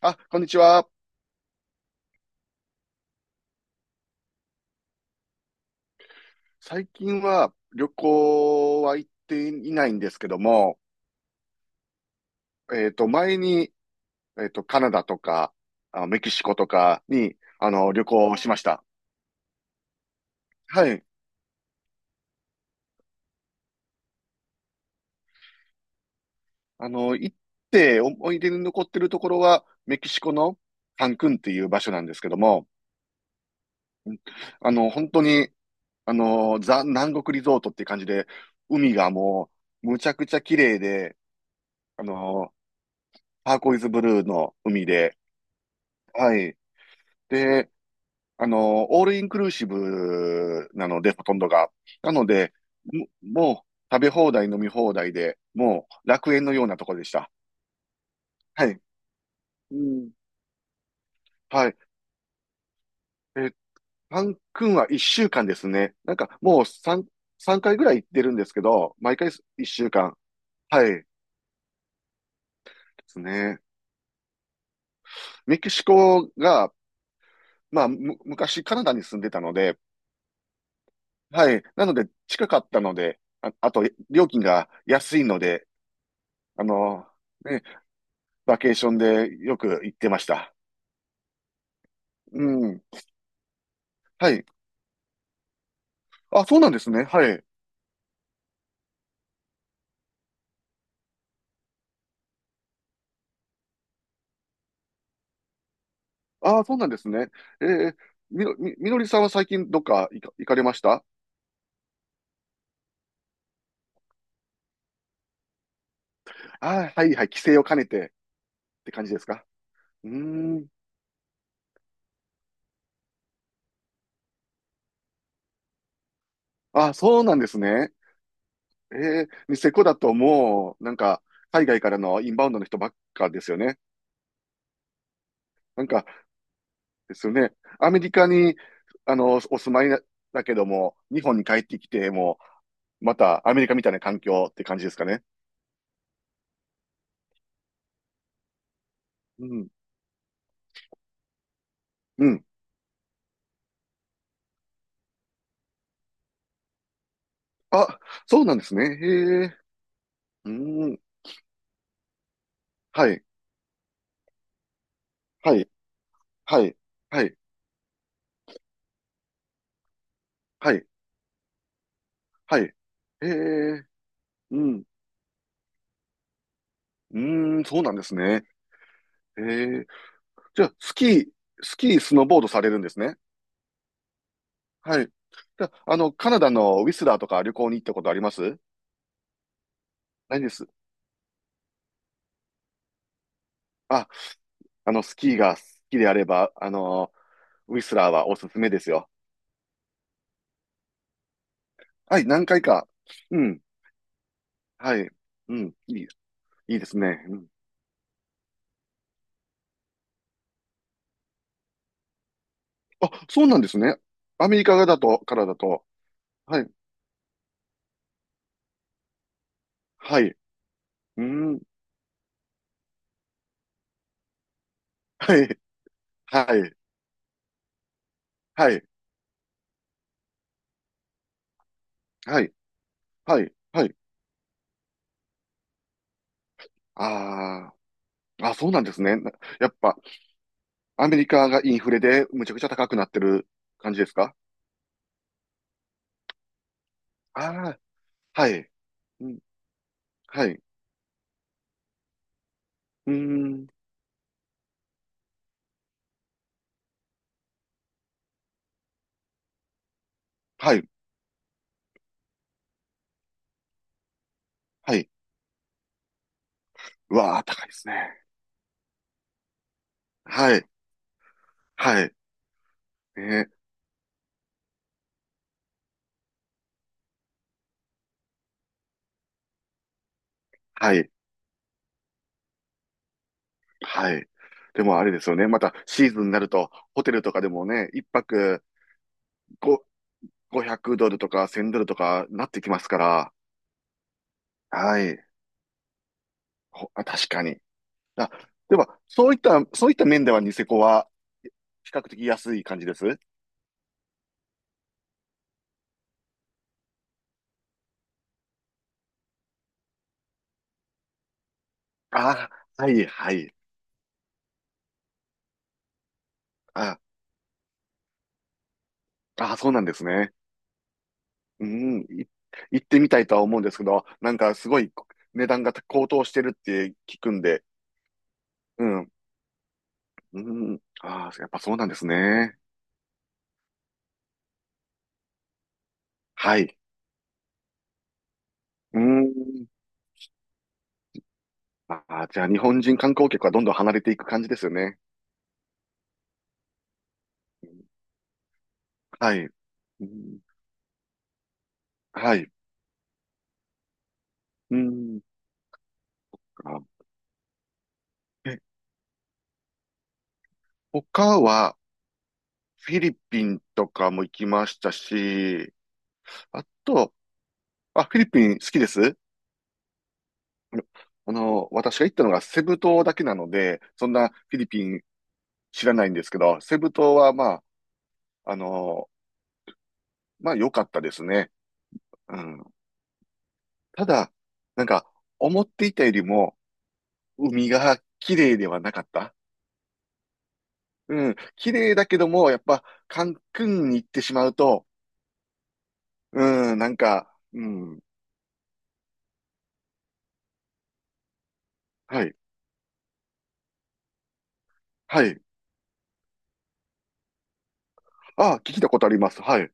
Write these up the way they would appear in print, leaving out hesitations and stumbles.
あ、こんにちは。最近は旅行は行っていないんですけども、前に、カナダとか、メキシコとかに、旅行をしました。はい。行って思い出に残ってるところは、メキシコのカンクンっていう場所なんですけども、本当に、ザ・南国リゾートっていう感じで、海がもう、むちゃくちゃ綺麗で、あの、ターコイズブルーの海で、はい。で、オールインクルーシブなので、ほとんどが。なので、もう食べ放題、飲み放題で、もう楽園のようなところでした。はい。うん。はい。えー、パン君は一週間ですね。なんかもう三回ぐらい行ってるんですけど、毎回一週間。はい。ですね。メキシコが、まあ、昔カナダに住んでたので、はい。なので近かったので、あ、あと料金が安いので、あの、ねバケーションでよく行ってました。うん。はい。あ、そうなんですね。はい。あ、そうなんですね。えー、みのりさんは最近どっか行かれました？あ、はいはい。帰省を兼ねてって感じですか？うーん。あ、そうなんですね。ニセコだともう、なんか、海外からのインバウンドの人ばっかですよね。なんか、ですよね。アメリカに、お住まいだけども、日本に帰ってきて、もう、またアメリカみたいな環境って感じですかね。うん。うん。あ、そうなんですね。へえ。うーん。はい。はい。はい。はい。はい。はい。へえ。うん。うーん。そうなんですね。へえ。じゃあ、スノーボードされるんですね。はい。じゃあ、カナダのウィスラーとか旅行に行ったことあります？ないです。あ、スキーが好きであれば、ウィスラーはおすすめですよ。はい、何回か。うん。はい。うん。いいですね。うん。あ、そうなんですね。アメリカからだと。はい、はい、うん、はい、はい、はい、はい、はい、はい。ああ、あ、そうなんですね。やっぱ、アメリカがインフレでむちゃくちゃ高くなってる感じですか？ああ、はい、うん、はい、うーん、はい、はい。うわあ、高いですね。はい、はい、ね、はい、はい。でもあれですよね。またシーズンになると、ホテルとかでもね、一泊5、500ドルとか1000ドルとかなってきますから。はい。確かに。あ、では、そういった面ではニセコは比較的安い感じですああ、はい、はい。ああ、そうなんですね。うん、行ってみたいとは思うんですけど、なんかすごい値段が高騰してるって聞くんで、うん、うん、ああ、やっぱそうなんですね。はい。うん。ああ、じゃあ日本人観光客はどんどん離れていく感じですよね。はい。うん、はい。うん。あ、え、他は、フィリピンとかも行きましたし、あと、あ、フィリピン好きです？あの、私が行ったのがセブ島だけなので、そんなフィリピン知らないんですけど、セブ島はまあ、あの、まあ良かったですね。うん。ただ、なんか、思っていたよりも、海が綺麗ではなかった。うん。綺麗だけども、やっぱ、カンクンに行ってしまうと、うん、なんか、うん。はい。はい。あ、聞いたことあります。はい。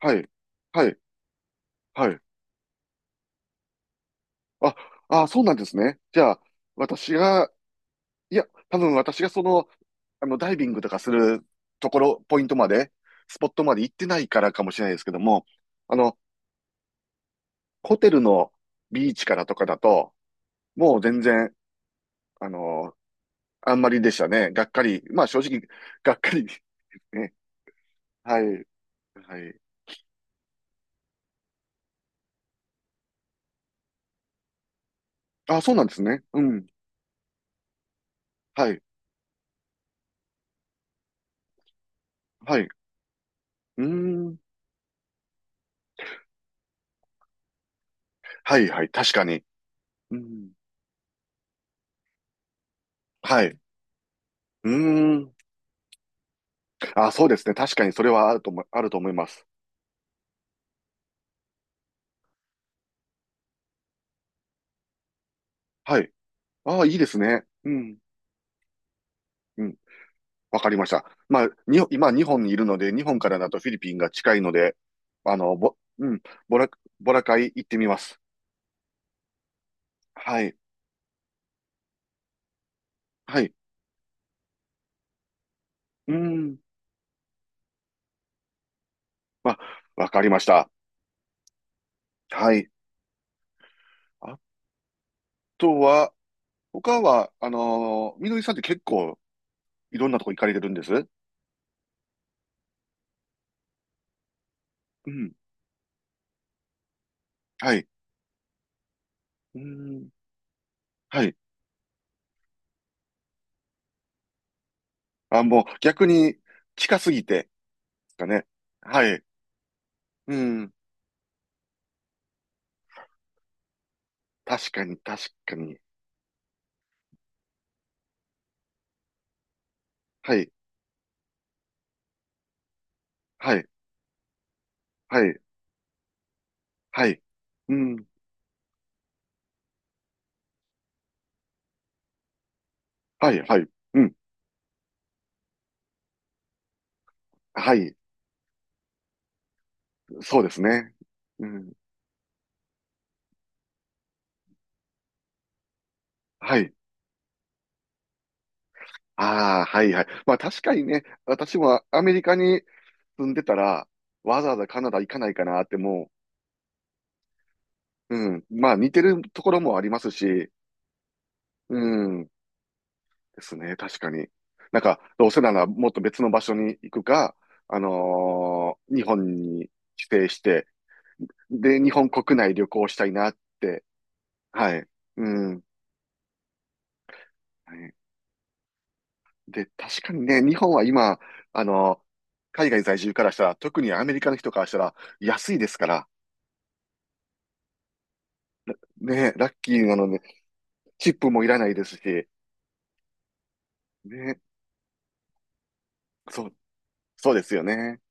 はい。はい。はい。あ、あ、そうなんですね。じゃあ、私が、いや、多分私がダイビングとかするところ、ポイントまで、スポットまで行ってないからかもしれないですけども、あの、ホテルのビーチからとかだと、もう全然、あの、あんまりでしたね。がっかり。まあ正直、がっかり。ね。はい。はい。あ、そうなんですね。うん。はい。はい。うーん。はい、はい。確かに。うん。はい。うーん。あ、そうですね。確かにそれはあると思います。はい。ああ、いいですね。うん。うん。わかりました。まあ、今、日本にいるので、日本からだとフィリピンが近いので、うん、ボラ、ボラカイ行ってみます。はい。はい。うん。まあ、わかりました。はい。あとは、他は、みのりさんって結構いろんなとこ行かれてるんです？うん。はい。うん。はい。あ、もう逆に近すぎてですかね。はい。うん。確かに、確かに。はい、はい、はい、はい。うん、はい、はい、うん、はい、そうですね。うん、はい。ああ、はい、はい。まあ確かにね、私もアメリカに住んでたら、わざわざカナダ行かないかなってもう、うん、まあ似てるところもありますし、うん、ですね、確かに。なんか、どうせならもっと別の場所に行くか、日本に帰省して、で、日本国内旅行したいなって。はい。うん。はい、で、確かにね、日本は今、あの、海外在住からしたら、特にアメリカの人からしたら、安いですから、ね、ラッキーなので、チップもいらないですし、ね、そう、そうですよね。